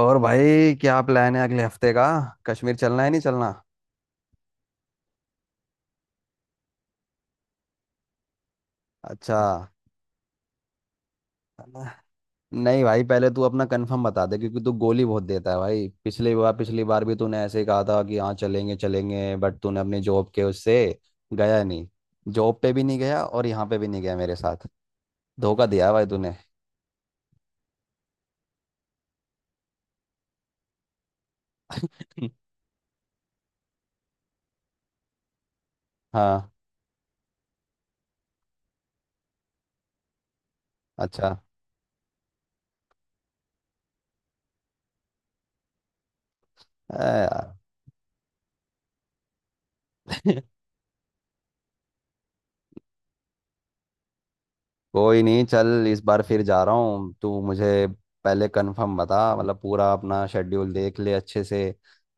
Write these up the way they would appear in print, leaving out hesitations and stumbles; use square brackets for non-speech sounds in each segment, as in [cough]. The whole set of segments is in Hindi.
और भाई क्या प्लान है अगले हफ्ते का? कश्मीर चलना है, नहीं चलना? अच्छा, चलना। नहीं भाई, पहले तू अपना कंफर्म बता दे क्योंकि तू गोली बहुत देता है भाई। पिछली बार, पिछली बार भी तूने ऐसे ही कहा था कि हाँ चलेंगे चलेंगे, बट तूने अपनी जॉब के उससे गया नहीं। जॉब पे भी नहीं गया और यहाँ पे भी नहीं गया मेरे साथ। धोखा दिया है भाई तूने। [laughs] हाँ। अच्छा। अरे यार। [laughs] कोई नहीं, चल, इस बार फिर जा रहा हूँ। तू मुझे पहले कंफर्म बता, मतलब पूरा अपना शेड्यूल देख ले अच्छे से,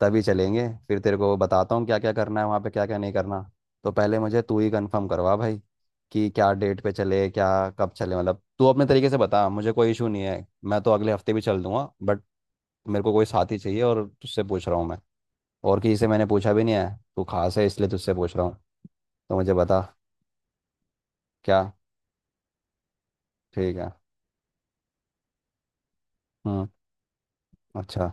तभी चलेंगे। फिर तेरे को बताता हूँ क्या क्या करना है वहाँ पे, क्या क्या नहीं करना। तो पहले मुझे तू ही कंफर्म करवा भाई कि क्या डेट पे चले, क्या कब चले। मतलब तू अपने तरीके से बता, मुझे कोई इशू नहीं है। मैं तो अगले हफ्ते भी चल दूंगा, बट मेरे को कोई साथी चाहिए और तुझसे पूछ रहा हूँ मैं। और किसी से मैंने पूछा भी नहीं है। तू खास है इसलिए तुझसे पूछ रहा हूँ। तो मुझे बता। क्या? ठीक है। हम्म। अच्छा।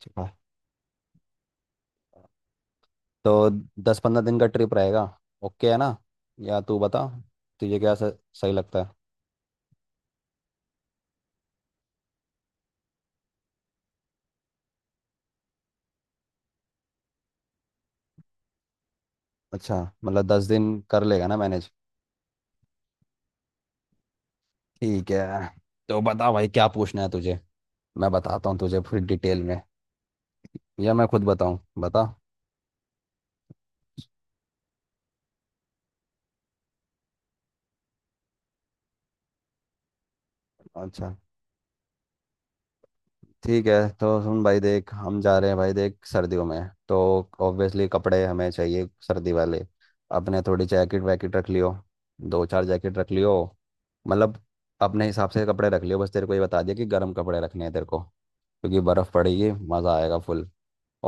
ठीक है। तो 10-15 दिन का ट्रिप रहेगा, ओके? है ना? या तू बता, तुझे क्या सही लगता है? अच्छा, मतलब 10 दिन कर लेगा ना मैनेज? ठीक है। तो बता भाई क्या पूछना है तुझे? मैं बताता हूँ तुझे फिर डिटेल में, या मैं खुद बताऊँ, बता। अच्छा। ठीक है। तो सुन भाई, देख हम जा रहे हैं भाई, देख सर्दियों में, तो ऑब्वियसली कपड़े हमें चाहिए सर्दी वाले। अपने थोड़ी जैकेट वैकेट रख लियो, 2-4 जैकेट रख लियो, मतलब अपने हिसाब से कपड़े रख लियो। बस तेरे को ये बता दिया कि गर्म कपड़े रखने हैं तेरे को, क्योंकि बर्फ़ पड़ेगी, मज़ा आएगा फुल।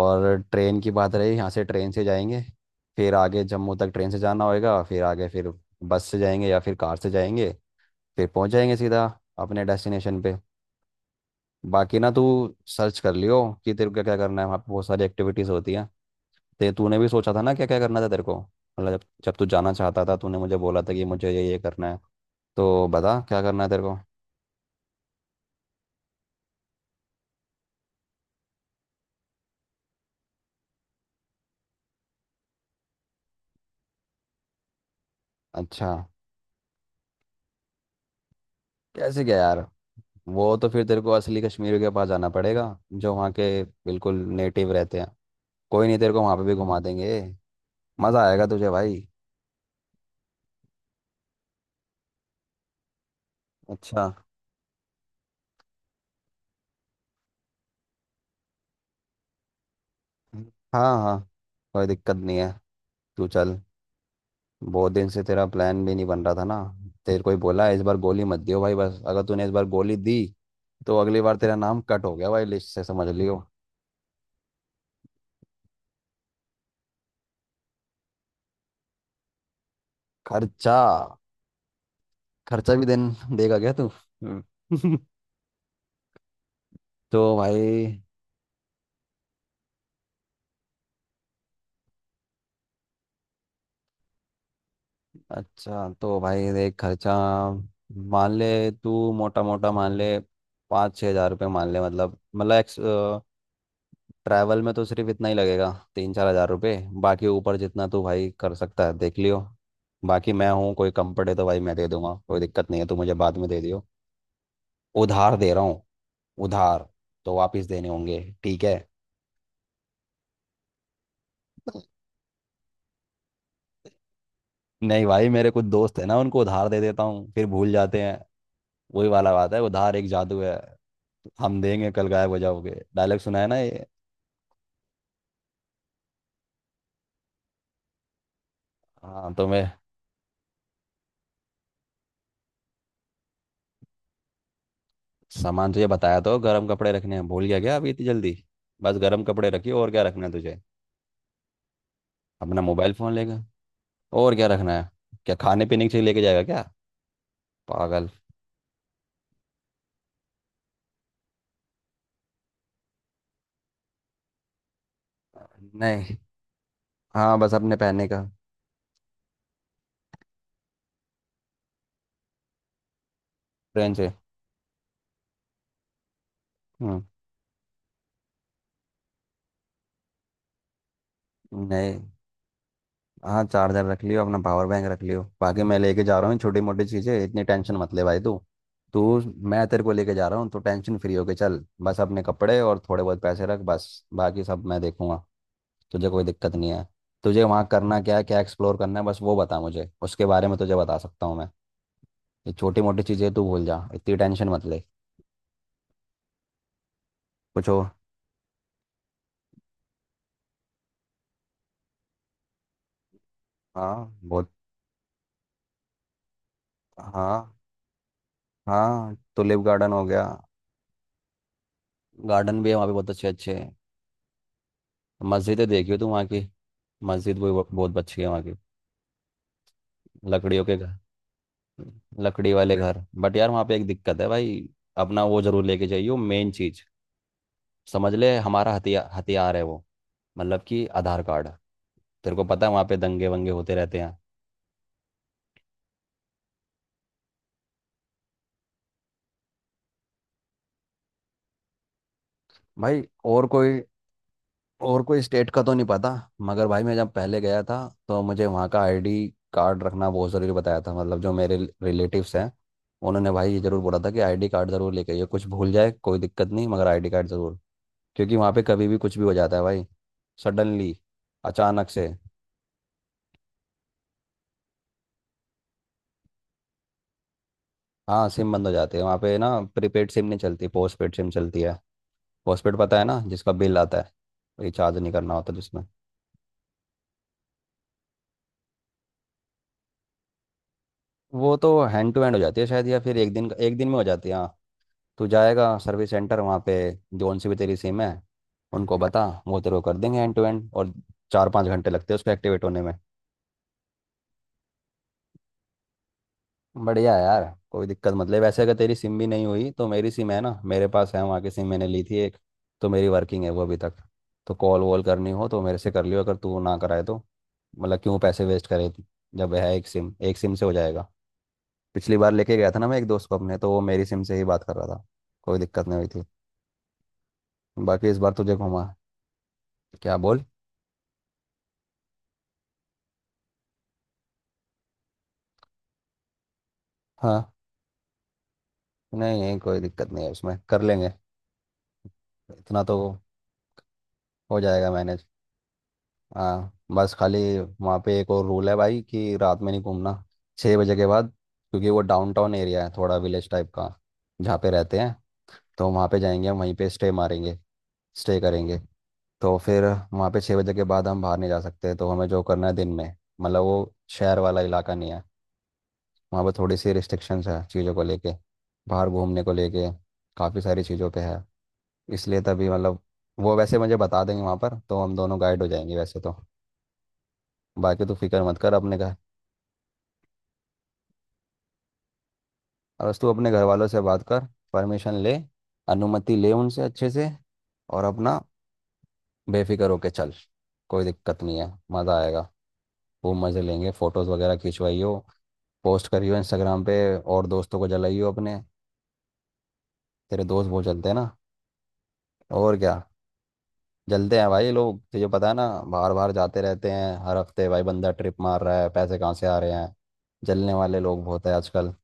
और ट्रेन की बात रही, यहाँ से ट्रेन से जाएंगे, फिर आगे जम्मू तक ट्रेन से जाना होगा, फिर आगे फिर बस से जाएंगे या फिर कार से जाएंगे। फिर पहुँच जाएंगे सीधा अपने डेस्टिनेशन पे। बाकी ना तू सर्च कर लियो कि तेरे को क्या क्या करना है वहाँ पे, बहुत सारी एक्टिविटीज़ होती हैं। ते तूने भी सोचा था ना क्या क्या करना था तेरे को, मतलब जब जब तू जाना चाहता था तूने मुझे बोला था कि मुझे ये करना है। तो बता क्या करना है तेरे को। अच्छा। कैसे क्या यार? वो तो फिर तेरे को असली कश्मीरियों के पास जाना पड़ेगा, जो वहाँ के बिल्कुल नेटिव रहते हैं। कोई नहीं, तेरे को वहाँ पे भी घुमा देंगे। मज़ा आएगा तुझे भाई। अच्छा। हाँ हाँ, कोई दिक्कत नहीं है। तू चल, बहुत दिन से तेरा प्लान भी नहीं बन रहा था ना। तेरे को ही बोला है, इस बार गोली मत दियो भाई। बस अगर तूने इस बार गोली दी, तो अगली बार तेरा नाम कट हो गया भाई लिस्ट से, समझ लियो। खर्चा, खर्चा भी देन देगा क्या तू? हम्म। [laughs] तो भाई। अच्छा, तो भाई देख खर्चा मान ले, तू मोटा मोटा मान ले, 5-6 हज़ार रुपये मान ले। मतलब ट्रैवल में तो सिर्फ इतना ही लगेगा, 3-4 हज़ार रुपये। बाकी ऊपर जितना तू भाई कर सकता है देख लियो। बाकी मैं हूँ, कोई कंफर्ट है तो भाई मैं दे दूंगा, कोई दिक्कत नहीं है। तू मुझे बाद में दे दियो, उधार दे रहा हूँ, उधार, तो वापस देने होंगे ठीक है। नहीं भाई, मेरे कुछ दोस्त है ना, उनको उधार दे देता हूँ फिर भूल जाते हैं। वही वाला बात है, उधार एक जादू है, हम देंगे कल गायब हो जाओगे, डायलॉग सुना है ना ये। हाँ तो मैं, सामान तुझे बताया तो, गर्म कपड़े रखने हैं, भूल गया क्या अभी इतनी जल्दी? बस गर्म कपड़े रखियो। और क्या रखना है तुझे? अपना मोबाइल फ़ोन लेके। और क्या रखना है? क्या खाने पीने की चीज़ लेके जाएगा क्या? पागल। नहीं। हाँ बस अपने पहनने का। ट्रेन से। हम्म। नहीं। हाँ चार्जर रख लियो, अपना पावर बैंक रख लियो, बाकी मैं लेके जा रहा हूँ छोटी मोटी चीज़ें। इतनी टेंशन मत ले भाई तू। तू मैं तेरे को लेके जा रहा हूँ तो टेंशन फ्री होके चल। बस अपने कपड़े और थोड़े बहुत पैसे रख, बस बाकी सब मैं देखूंगा। तुझे कोई दिक्कत नहीं है। तुझे वहाँ करना क्या है, क्या एक्सप्लोर करना है, बस वो बता मुझे, उसके बारे में तुझे बता सकता हूँ मैं। ये छोटी मोटी चीज़ें तू भूल जा, इतनी टेंशन मत ले। पूछो। हाँ बहुत। हाँ। हाँ टुलिप गार्डन हो गया। गार्डन भी है वहाँ पे, बहुत अच्छे अच्छे हैं। मस्जिदें देखी हो तुम वहाँ की? मस्जिद भी बहुत बहुत अच्छी है वहाँ की। लकड़ियों के घर, लकड़ी वाले घर। बट यार वहाँ पे एक दिक्कत है भाई, अपना वो जरूर लेके जाइयो, मेन चीज, समझ ले हमारा हथियार, हथियार है वो। मतलब कि आधार कार्ड। तेरे को पता है वहाँ पे दंगे वंगे होते रहते हैं। भाई, और कोई, और कोई स्टेट का तो नहीं पता, मगर भाई मैं जब पहले गया था, तो मुझे वहाँ का आईडी कार्ड रखना बहुत ज़रूरी बताया था। मतलब जो मेरे रिलेटिव्स हैं, उन्होंने भाई ये ज़रूर बोला था कि आईडी कार्ड ज़रूर लेके आइए, कुछ भूल जाए कोई दिक्कत नहीं मगर आईडी कार्ड ज़रूर, क्योंकि वहाँ पे कभी भी कुछ भी हो जाता है भाई, सडनली, अचानक से। हाँ, सिम बंद हो जाती है वहाँ पे ना। प्रीपेड सिम नहीं चलती, पोस्ट पेड सिम चलती है। पोस्ट पेड पता है ना, जिसका बिल आता है, रिचार्ज नहीं करना होता जिसमें। वो तो हैंड टू हैंड हो जाती है शायद, या फिर एक दिन, एक दिन में हो जाती है। हाँ, तू जाएगा सर्विस सेंटर वहाँ पे, जोन सी भी तेरी सिम है उनको बता, वो तेरे को कर देंगे एंड टू एंड। और 4-5 घंटे लगते हैं उसको एक्टिवेट होने में। बढ़िया है यार। कोई दिक्कत मत ले, वैसे अगर तेरी सिम भी नहीं हुई तो मेरी सिम है ना, मेरे पास है वहाँ की सिम, मैंने ली थी एक, तो मेरी वर्किंग है वो अभी तक। तो कॉल वॉल करनी हो तो मेरे से कर लियो, अगर तू ना कराए तो। मतलब क्यों पैसे वेस्ट करे तू? जब है एक सिम, एक सिम से हो जाएगा। पिछली बार लेके गया था ना मैं एक दोस्त को अपने, तो वो मेरी सिम से ही बात कर रहा था, कोई दिक्कत नहीं हुई थी। बाकी इस बार तुझे घुमा। क्या बोल? हाँ। नहीं नहीं, कोई दिक्कत नहीं है उसमें, कर लेंगे इतना तो, हो जाएगा मैनेज। हाँ बस खाली वहाँ पे एक और रूल है भाई, कि रात में नहीं घूमना 6 बजे के बाद, क्योंकि वो डाउनटाउन एरिया है, थोड़ा विलेज टाइप का जहाँ पे रहते हैं, तो वहाँ पे जाएंगे हम, वहीं पे स्टे मारेंगे, स्टे करेंगे। तो फिर वहाँ पे 6 बजे के बाद हम बाहर नहीं जा सकते, तो हमें जो करना है दिन में। मतलब वो शहर वाला इलाका नहीं है, वहाँ पे थोड़ी सी रिस्ट्रिक्शंस है चीज़ों को लेके, बाहर घूमने को लेके, काफ़ी सारी चीज़ों पे है। इसलिए तभी मतलब, वो वैसे मुझे बता देंगे वहाँ पर, तो हम दोनों गाइड हो जाएंगे वैसे तो। बाकी तू फिक्र मत कर अपने घर। और बस तू अपने घर वालों से बात कर, परमिशन ले, अनुमति ले उनसे अच्छे से, और अपना बेफिक्र होके चल। कोई दिक्कत नहीं है, मज़ा आएगा, खूब मज़े लेंगे। फ़ोटोज़ वगैरह खिंचवाइयो, पोस्ट करियो इंस्टाग्राम पे, और दोस्तों को जलाइयो अपने। तेरे दोस्त बहुत जलते हैं ना? और क्या, जलते हैं भाई लोग, तुझे पता है ना, बाहर बाहर जाते रहते हैं हर हफ्ते, भाई बंदा ट्रिप मार रहा है, पैसे कहाँ से आ रहे हैं। जलने वाले लोग बहुत है आजकल।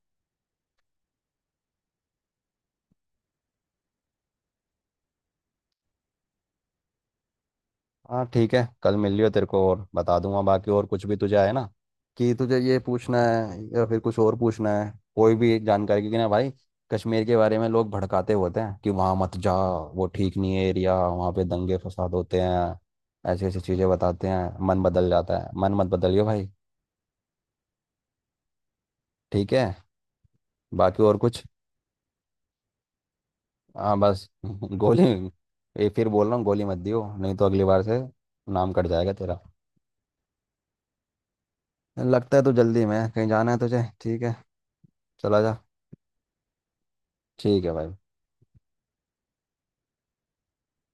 हाँ ठीक है, कल मिल लियो तेरे को और बता दूंगा बाकी, और कुछ भी तुझे आए ना, कि तुझे ये पूछना है या फिर कुछ और पूछना है कोई भी जानकारी, क्योंकि ना भाई कश्मीर के बारे में लोग भड़काते होते हैं कि वहाँ मत जा, वो ठीक नहीं है एरिया, वहाँ पे दंगे फसाद होते हैं, ऐसी ऐसी चीज़ें बताते हैं, मन बदल जाता है। मन मत बदलियो भाई। ठीक है। बाकी और कुछ? हाँ बस, [laughs] गोली, ये फिर बोल रहा हूँ, गोली मत दियो, नहीं तो अगली बार से नाम कट जाएगा तेरा। लगता है तू जल्दी में है, कहीं जाना है तुझे? ठीक है, चला जा। ठीक है भाई।